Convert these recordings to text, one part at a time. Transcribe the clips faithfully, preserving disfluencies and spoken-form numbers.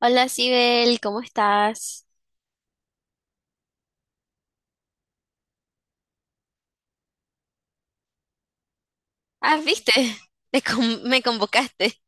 Hola, Sibel, ¿cómo estás? Ah, viste, Te con- me convocaste.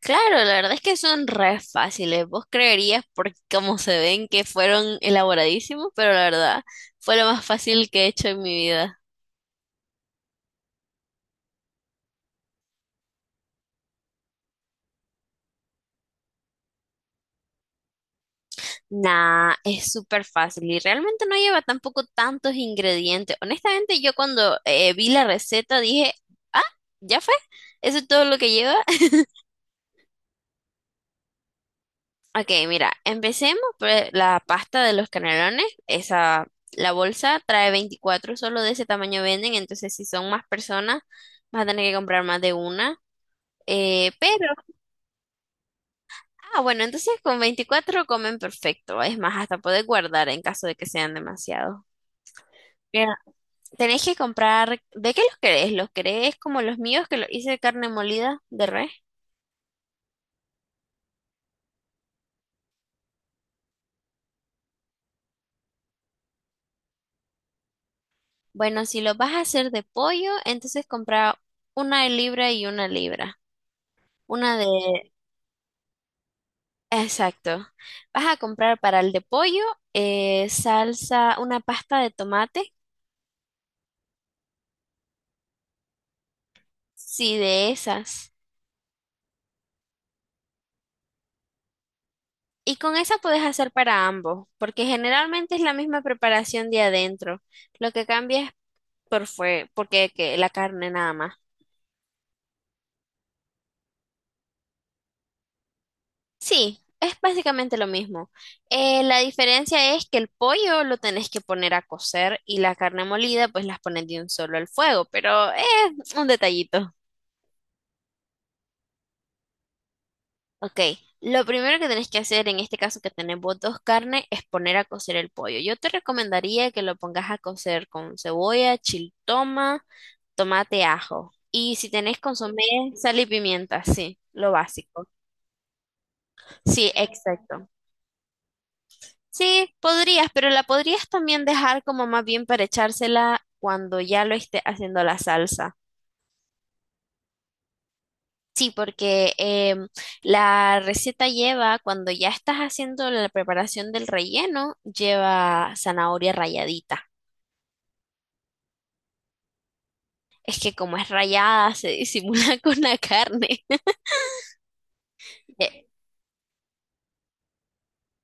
Claro, la verdad es que son re fáciles. Vos creerías por cómo se ven que fueron elaboradísimos, pero la verdad fue lo más fácil que he hecho en mi vida. Nah, es súper fácil y realmente no lleva tampoco tantos ingredientes. Honestamente, yo cuando eh, vi la receta dije, ah, ya fue, eso es todo lo que lleva. Ok, mira, empecemos por la pasta de los canelones. Esa, la bolsa trae veinticuatro, solo de ese tamaño venden, entonces si son más personas, vas a tener que comprar más de una. Eh, pero, ah, bueno, entonces con veinticuatro comen perfecto. Es más, hasta poder guardar en caso de que sean demasiados. Mira, tenés que comprar, ¿de qué los querés? ¿Los querés como los míos que los hice de carne molida de res? Bueno, si los vas a hacer de pollo, entonces compra una libra y una libra. Una de, exacto. Vas a comprar para el de pollo eh, salsa, una pasta de tomate, sí, de esas. Y con esa puedes hacer para ambos, porque generalmente es la misma preparación de adentro. Lo que cambia es por fue, porque que la carne nada más. Sí, es básicamente lo mismo. Eh, la diferencia es que el pollo lo tenés que poner a cocer y la carne molida pues las pones de un solo al fuego, pero es un detallito. Ok, lo primero que tenés que hacer en este caso que tenemos dos carnes es poner a cocer el pollo. Yo te recomendaría que lo pongas a cocer con cebolla, chiltoma, tomate, ajo. Y si tenés consomé, sal y pimienta, sí, lo básico. Sí, exacto. Sí, podrías, pero la podrías también dejar como más bien para echársela cuando ya lo esté haciendo la salsa. Sí, porque em, la receta lleva, cuando ya estás haciendo la preparación del relleno, lleva zanahoria ralladita. Es que como es rallada, se disimula con la carne. Eh,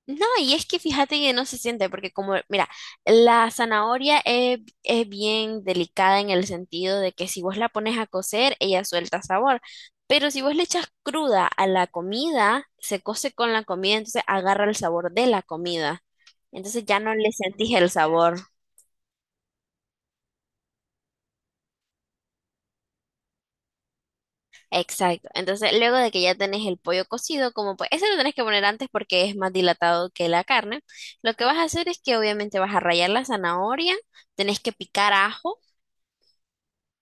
No, y es que fíjate que no se siente, porque como, mira, la zanahoria es, es bien delicada en el sentido de que si vos la pones a cocer, ella suelta sabor. Pero si vos le echas cruda a la comida, se cose con la comida, entonces agarra el sabor de la comida. Entonces ya no le sentís el sabor. Exacto. Entonces, luego de que ya tenés el pollo cocido, como pues, ese lo tenés que poner antes porque es más dilatado que la carne. Lo que vas a hacer es que obviamente vas a rallar la zanahoria, tenés que picar ajo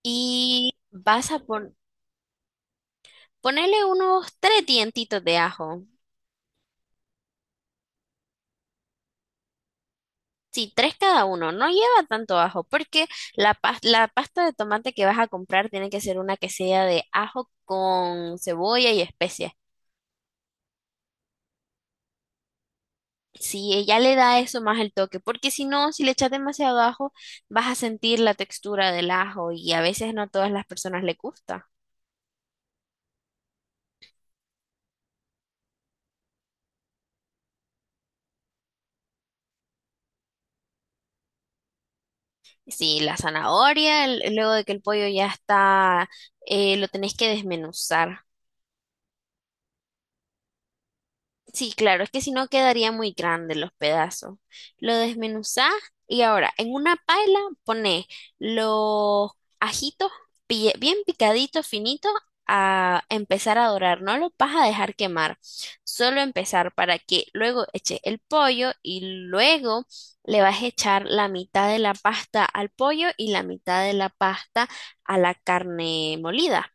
y vas a pon- ponerle unos tres dientitos de ajo. Sí, tres cada uno. No lleva tanto ajo porque la, pas- la pasta de tomate que vas a comprar tiene que ser una que sea de ajo con cebolla y especias. Sí, ella le da eso más el toque, porque si no, si le echas demasiado ajo, vas a sentir la textura del ajo y a veces no a todas las personas le gusta. Sí, la zanahoria, el- luego de que el pollo ya está, eh, lo tenés que desmenuzar. Sí, claro, es que si no quedaría muy grande los pedazos. Lo desmenuzás y ahora en una paila pones los ajitos pi- bien picaditos, finitos, a empezar a dorar. No los vas a dejar quemar, solo empezar para que luego eches el pollo y luego le vas a echar la mitad de la pasta al pollo y la mitad de la pasta a la carne molida.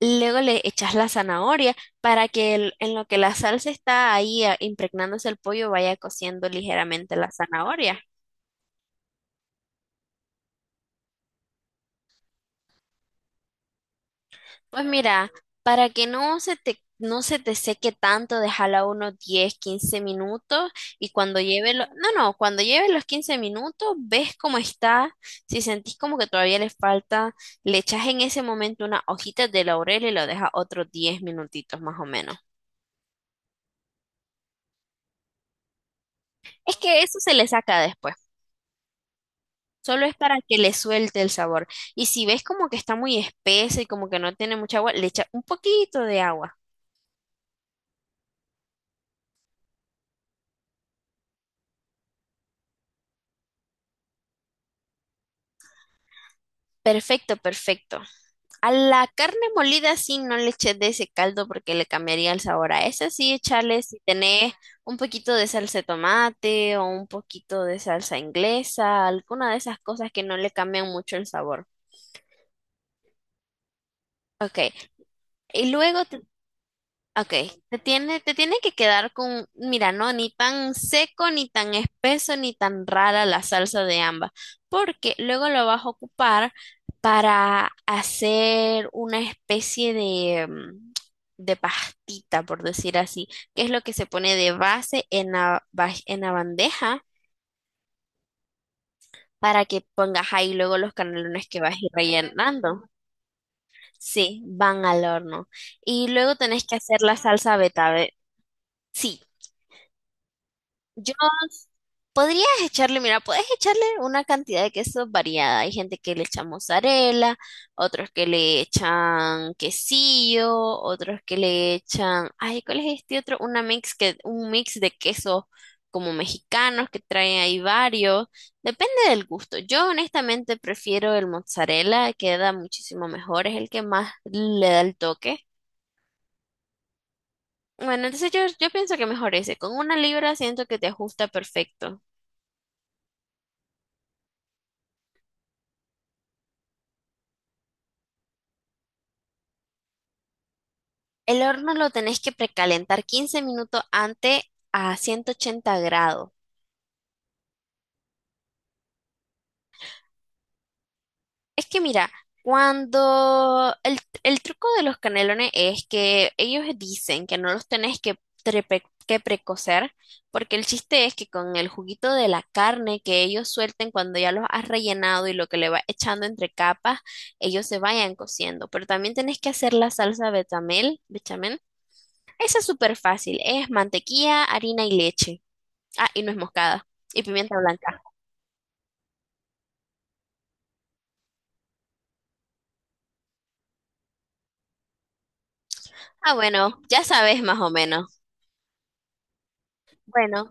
Luego le echas la zanahoria para que el- en lo que la salsa está ahí ah, impregnándose el pollo vaya cociendo ligeramente la zanahoria. Pues mira, para que no se te, no se te seque tanto, déjala unos diez quince minutos y cuando lleve lo- no, no, cuando lleve los quince minutos, ves cómo está. Si sentís como que todavía le falta, le echas en ese momento unas hojitas de laurel y lo dejas otros diez minutitos más o menos. Es que eso se le saca después. Solo es para que le suelte el sabor. Y si ves como que está muy espesa y como que no tiene mucha agua, le echa un poquito de agua. Perfecto, perfecto. A la carne molida sí no le eches de ese caldo porque le cambiaría el sabor. A esa sí échale si tenés un poquito de salsa de tomate o un poquito de salsa inglesa, alguna de esas cosas que no le cambian mucho el sabor. Ok. Y luego te Ok, te tiene, te tiene que quedar con, mira, no, ni tan seco, ni tan espeso, ni tan rara la salsa de ambas, porque luego lo vas a ocupar para hacer una especie de, mm, de pastita, por decir así, que es lo que se pone de base en la, ba- en la bandeja para que pongas ahí luego los canelones que vas a ir rellenando. Sí, van al horno. Y luego tenés que hacer la salsa betabe. Sí. Yo podrías echarle, mira, puedes echarle una cantidad de queso variada. Hay gente que le echa mozzarella, otros que le echan quesillo, otros que le echan, ay, ¿cuál es este otro? Una mix que, un mix de quesos como mexicanos que traen ahí varios. Depende del gusto. Yo honestamente prefiero el mozzarella, queda muchísimo mejor, es el que más le da el toque. Bueno, entonces yo, yo pienso que mejor ese. Con una libra siento que te ajusta perfecto. El horno lo tenés que precalentar quince minutos antes a ciento ochenta grados. Es que mira, cuando el, el truco de los canelones es que ellos dicen que no los tenés que, trepe- que precocer, porque el chiste es que con el juguito de la carne que ellos suelten cuando ya los has rellenado y lo que le vas echando entre capas, ellos se vayan cociendo. Pero también tenés que hacer la salsa bechamel, bechamel. Esa es súper fácil, es mantequilla, harina y leche. Ah, y nuez moscada. Y pimienta blanca. Ah, bueno, ya sabes más o menos. Bueno,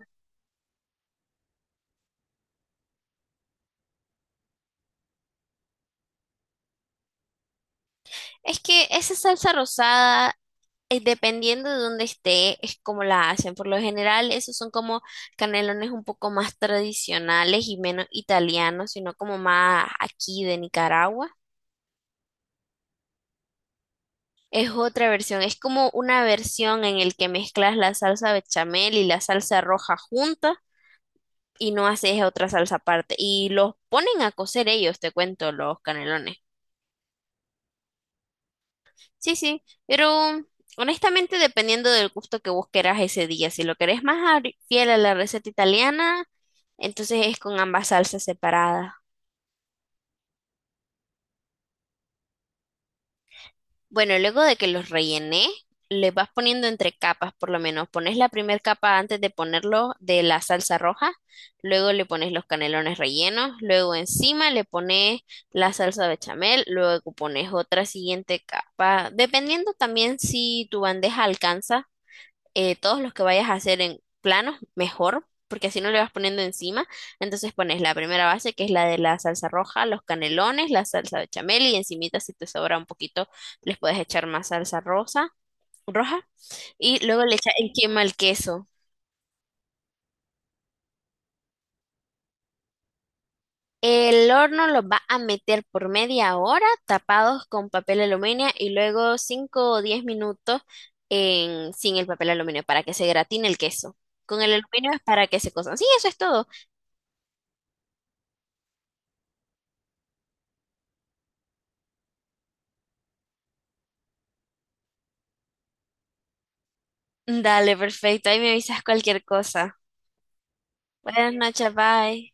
es que esa salsa rosada, eh, dependiendo de dónde esté, es como la hacen. Por lo general, esos son como canelones un poco más tradicionales y menos italianos, sino como más aquí de Nicaragua. Es otra versión, es como una versión en el que mezclas la salsa bechamel y la salsa roja juntas y no haces otra salsa aparte. Y los ponen a cocer ellos, te cuento, los canelones. Sí, sí, pero honestamente dependiendo del gusto que vos querás ese día, si lo querés más abri- fiel a la receta italiana, entonces es con ambas salsas separadas. Bueno, luego de que los rellené, les vas poniendo entre capas, por lo menos pones la primera capa antes de ponerlo de la salsa roja, luego le pones los canelones rellenos, luego encima le pones la salsa bechamel, luego pones otra siguiente capa, dependiendo también si tu bandeja alcanza. Eh, todos los que vayas a hacer en planos, mejor, porque así no le vas poniendo encima. Entonces pones la primera base, que es la de la salsa roja, los canelones, la salsa bechamel y encimita, si te sobra un poquito, les puedes echar más salsa rosa, roja. Y luego le echas encima el queso. El horno lo va a meter por media hora tapados con papel aluminio y luego cinco o diez minutos en- sin el papel aluminio para que se gratine el queso. Con el aluminio es para que se cozan. Sí, eso es todo. Dale, perfecto. Ahí me avisas cualquier cosa. Buenas noches, bye.